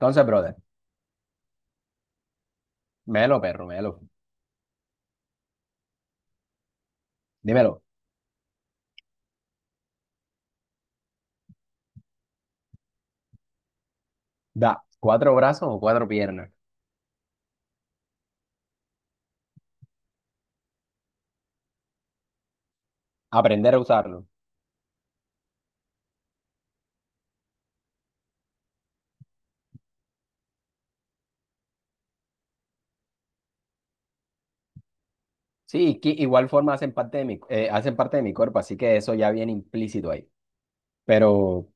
Entonces, brother, melo, perro, melo. Dímelo, da cuatro brazos o cuatro piernas. Aprender a usarlo. Sí, que igual forma hacen parte de mi, hacen parte de mi cuerpo, así que eso ya viene implícito ahí. Pero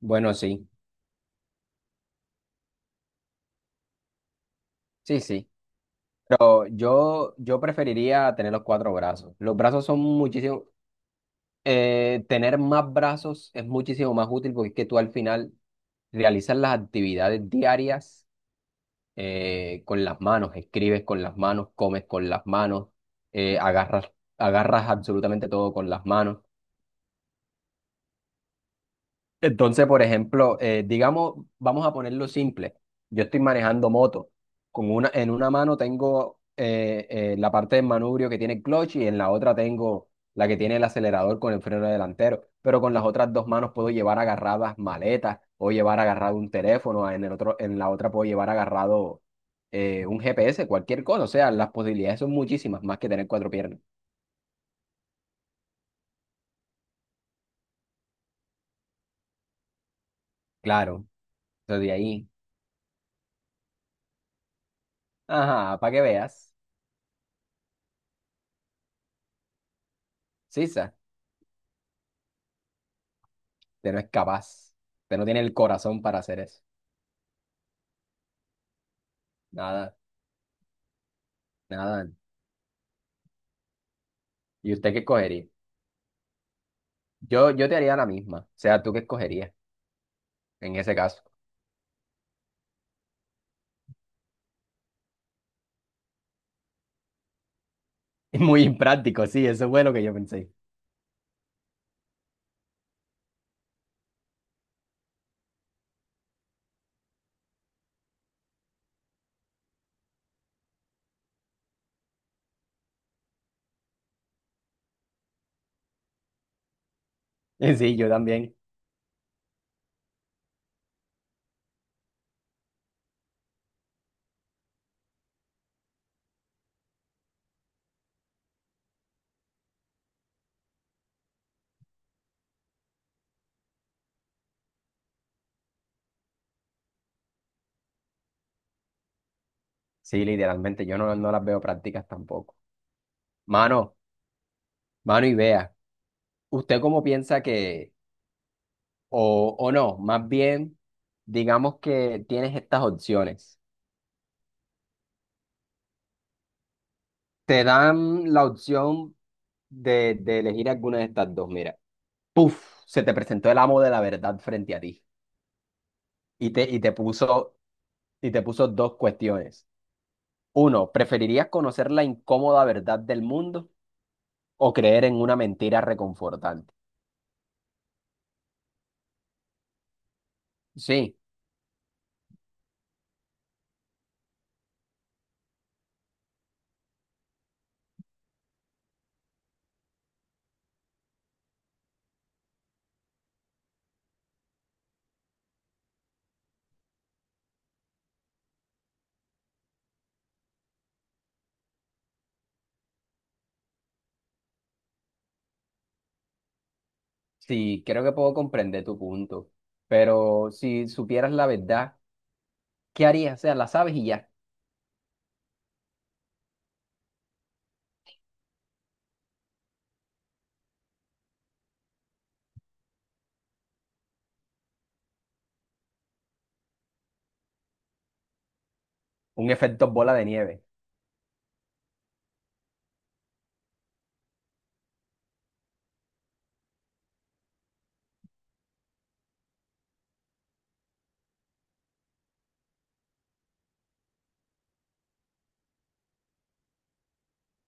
bueno, sí, sí, sí. Pero yo preferiría tener los cuatro brazos. Los brazos son muchísimo. Tener más brazos es muchísimo más útil porque es que tú al final realizas las actividades diarias con las manos, escribes con las manos, comes con las manos, agarras, agarras absolutamente todo con las manos. Entonces, por ejemplo, digamos, vamos a ponerlo simple. Yo estoy manejando moto. En una mano tengo la parte del manubrio que tiene el clutch y en la otra tengo la que tiene el acelerador con el freno delantero. Pero con las otras dos manos puedo llevar agarradas maletas o llevar agarrado un teléfono. En la otra puedo llevar agarrado un GPS, cualquier cosa. O sea, las posibilidades son muchísimas más que tener cuatro piernas. Claro. Entonces, de ahí. Ajá, para que veas. Sí. Usted no es capaz. Usted no tiene el corazón para hacer eso. Nada, nada. ¿Y usted qué escogería? Yo te haría la misma. O sea, ¿tú qué escogerías en ese caso? Es muy impráctico, sí, eso fue lo que yo pensé. Sí, yo también. Sí, literalmente, yo no, no las veo prácticas tampoco. Mano, mano y vea, ¿usted cómo piensa que, o no, más bien, digamos que tienes estas opciones? Te dan la opción de elegir alguna de estas dos. Mira, puf, se te presentó el amo de la verdad frente a ti y te, y te puso, y te puso dos cuestiones. Uno, ¿preferirías conocer la incómoda verdad del mundo o creer en una mentira reconfortante? Sí, sí, creo que puedo comprender tu punto, pero si supieras la verdad, ¿qué harías? O sea, la sabes y ya. Un efecto bola de nieve,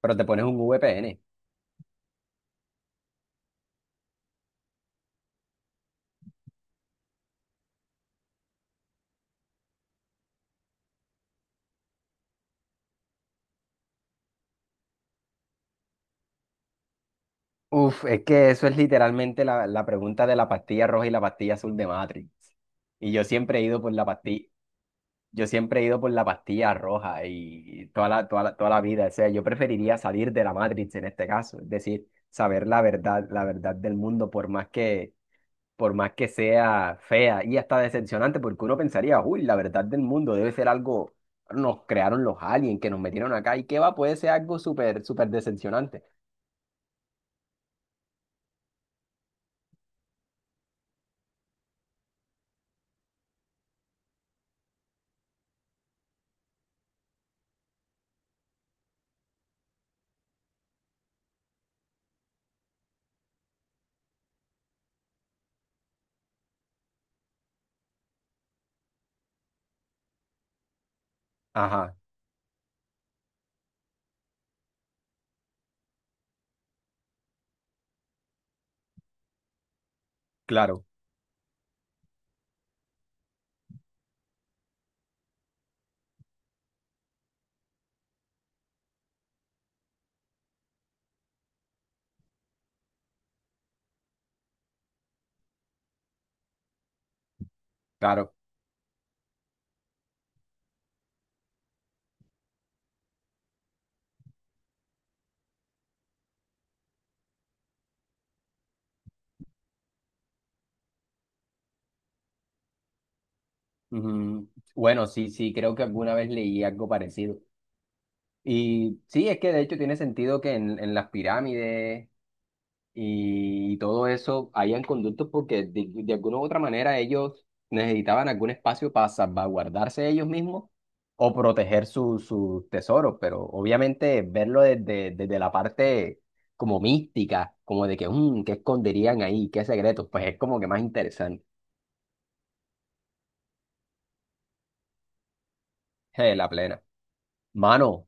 pero te pones un VPN. Uf, es que eso es literalmente la pregunta de la pastilla roja y la pastilla azul de Matrix. Y yo siempre he ido por la pastilla, yo siempre he ido por la pastilla roja y toda la vida. O sea, yo preferiría salir de la Matrix en este caso, es decir, saber la verdad del mundo, por más que sea fea y hasta decepcionante, porque uno pensaría, uy, la verdad del mundo debe ser algo, nos crearon los aliens que nos metieron acá y qué va, puede ser algo súper, súper decepcionante. Ajá, claro. Claro. Ujú. Bueno, sí, sí, creo que alguna vez leí algo parecido. Y sí, es que de hecho tiene sentido que en las pirámides y todo eso hayan conductos porque de alguna u otra manera ellos necesitaban algún espacio para salvaguardarse ellos mismos o proteger sus tesoros, pero obviamente verlo desde, desde la parte como mística, como de que, "Mm, ¿qué esconderían ahí? ¿Qué secretos?" Pues es como que más interesante, la plena. Mano.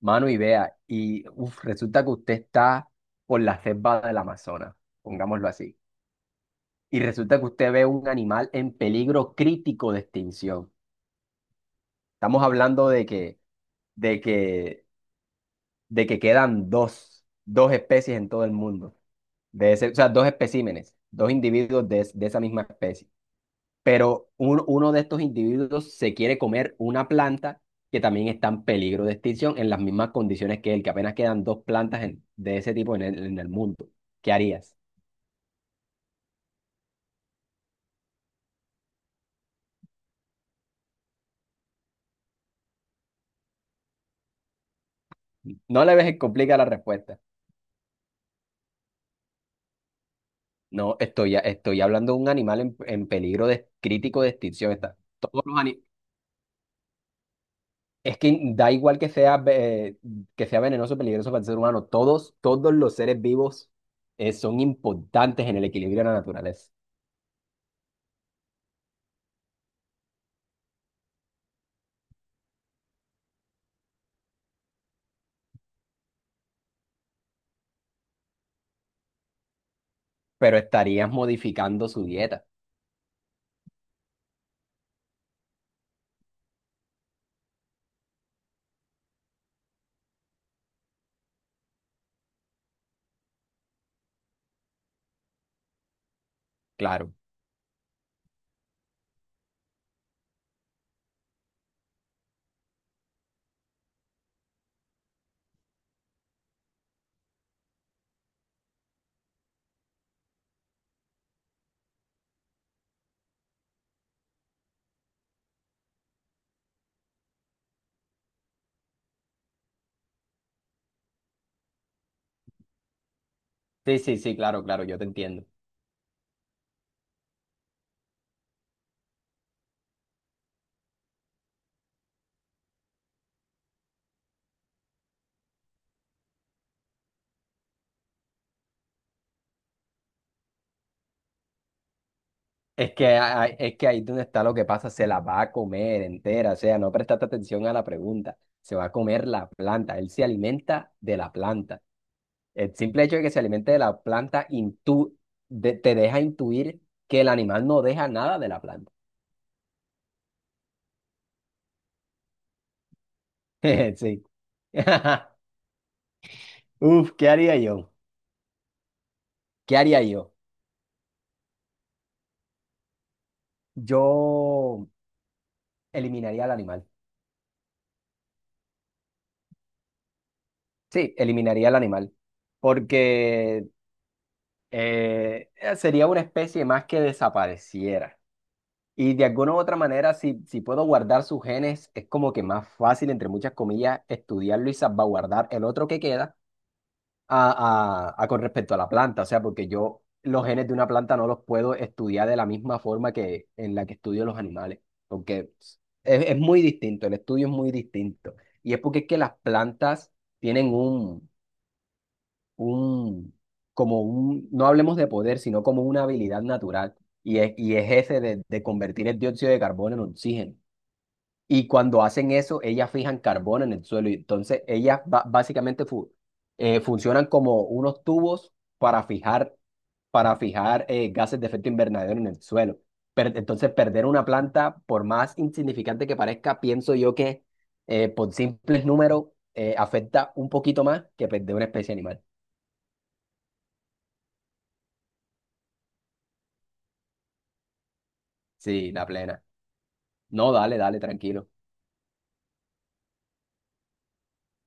Mano, y vea, y uf, resulta que usted está por la selva del Amazonas, pongámoslo así, y resulta que usted ve un animal en peligro crítico de extinción. Estamos hablando de que, de que quedan dos, dos especies en todo el mundo, de ese, o sea, dos especímenes, dos individuos de, de esa misma especie. Pero uno de estos individuos se quiere comer una planta que también está en peligro de extinción en las mismas condiciones que él, que apenas quedan dos plantas de ese tipo en el mundo. ¿Qué harías? No le ves que complica la respuesta. No, estoy hablando de un animal en peligro de, crítico de extinción. Está, todos es que da igual que sea, que sea venenoso, peligroso para el ser humano. Todos, todos los seres vivos son importantes en el equilibrio de la naturaleza, pero estarías modificando su dieta. Claro. Sí, sí, sí, claro, claro, yo te entiendo. Es que ahí donde está lo que pasa, se la va a comer entera, o sea, no prestaste atención a la pregunta, se va a comer la planta, él se alimenta de la planta. El simple hecho de que se alimente de la planta te deja intuir que el animal no deja nada de la planta. Sí. Uf, ¿qué haría yo? ¿Qué haría yo? Yo eliminaría al animal. Sí, eliminaría al animal. Porque sería una especie más que desapareciera. Y de alguna u otra manera, si, si puedo guardar sus genes, es como que más fácil, entre muchas comillas, estudiarlo y salvaguardar el otro que queda a con respecto a la planta. O sea, porque yo los genes de una planta no los puedo estudiar de la misma forma que en la que estudio los animales, porque es muy distinto, el estudio es muy distinto. Y es porque es que las plantas tienen un, como un, no hablemos de poder, sino como una habilidad natural. Y es ese de convertir el dióxido de carbono en oxígeno. Y cuando hacen eso, ellas fijan carbono en el suelo. Y entonces ellas básicamente funcionan como unos tubos para fijar gases de efecto invernadero en el suelo. Entonces perder una planta, por más insignificante que parezca, pienso yo que por simples números afecta un poquito más que perder una especie animal. Sí, la plena. No, dale, dale, tranquilo.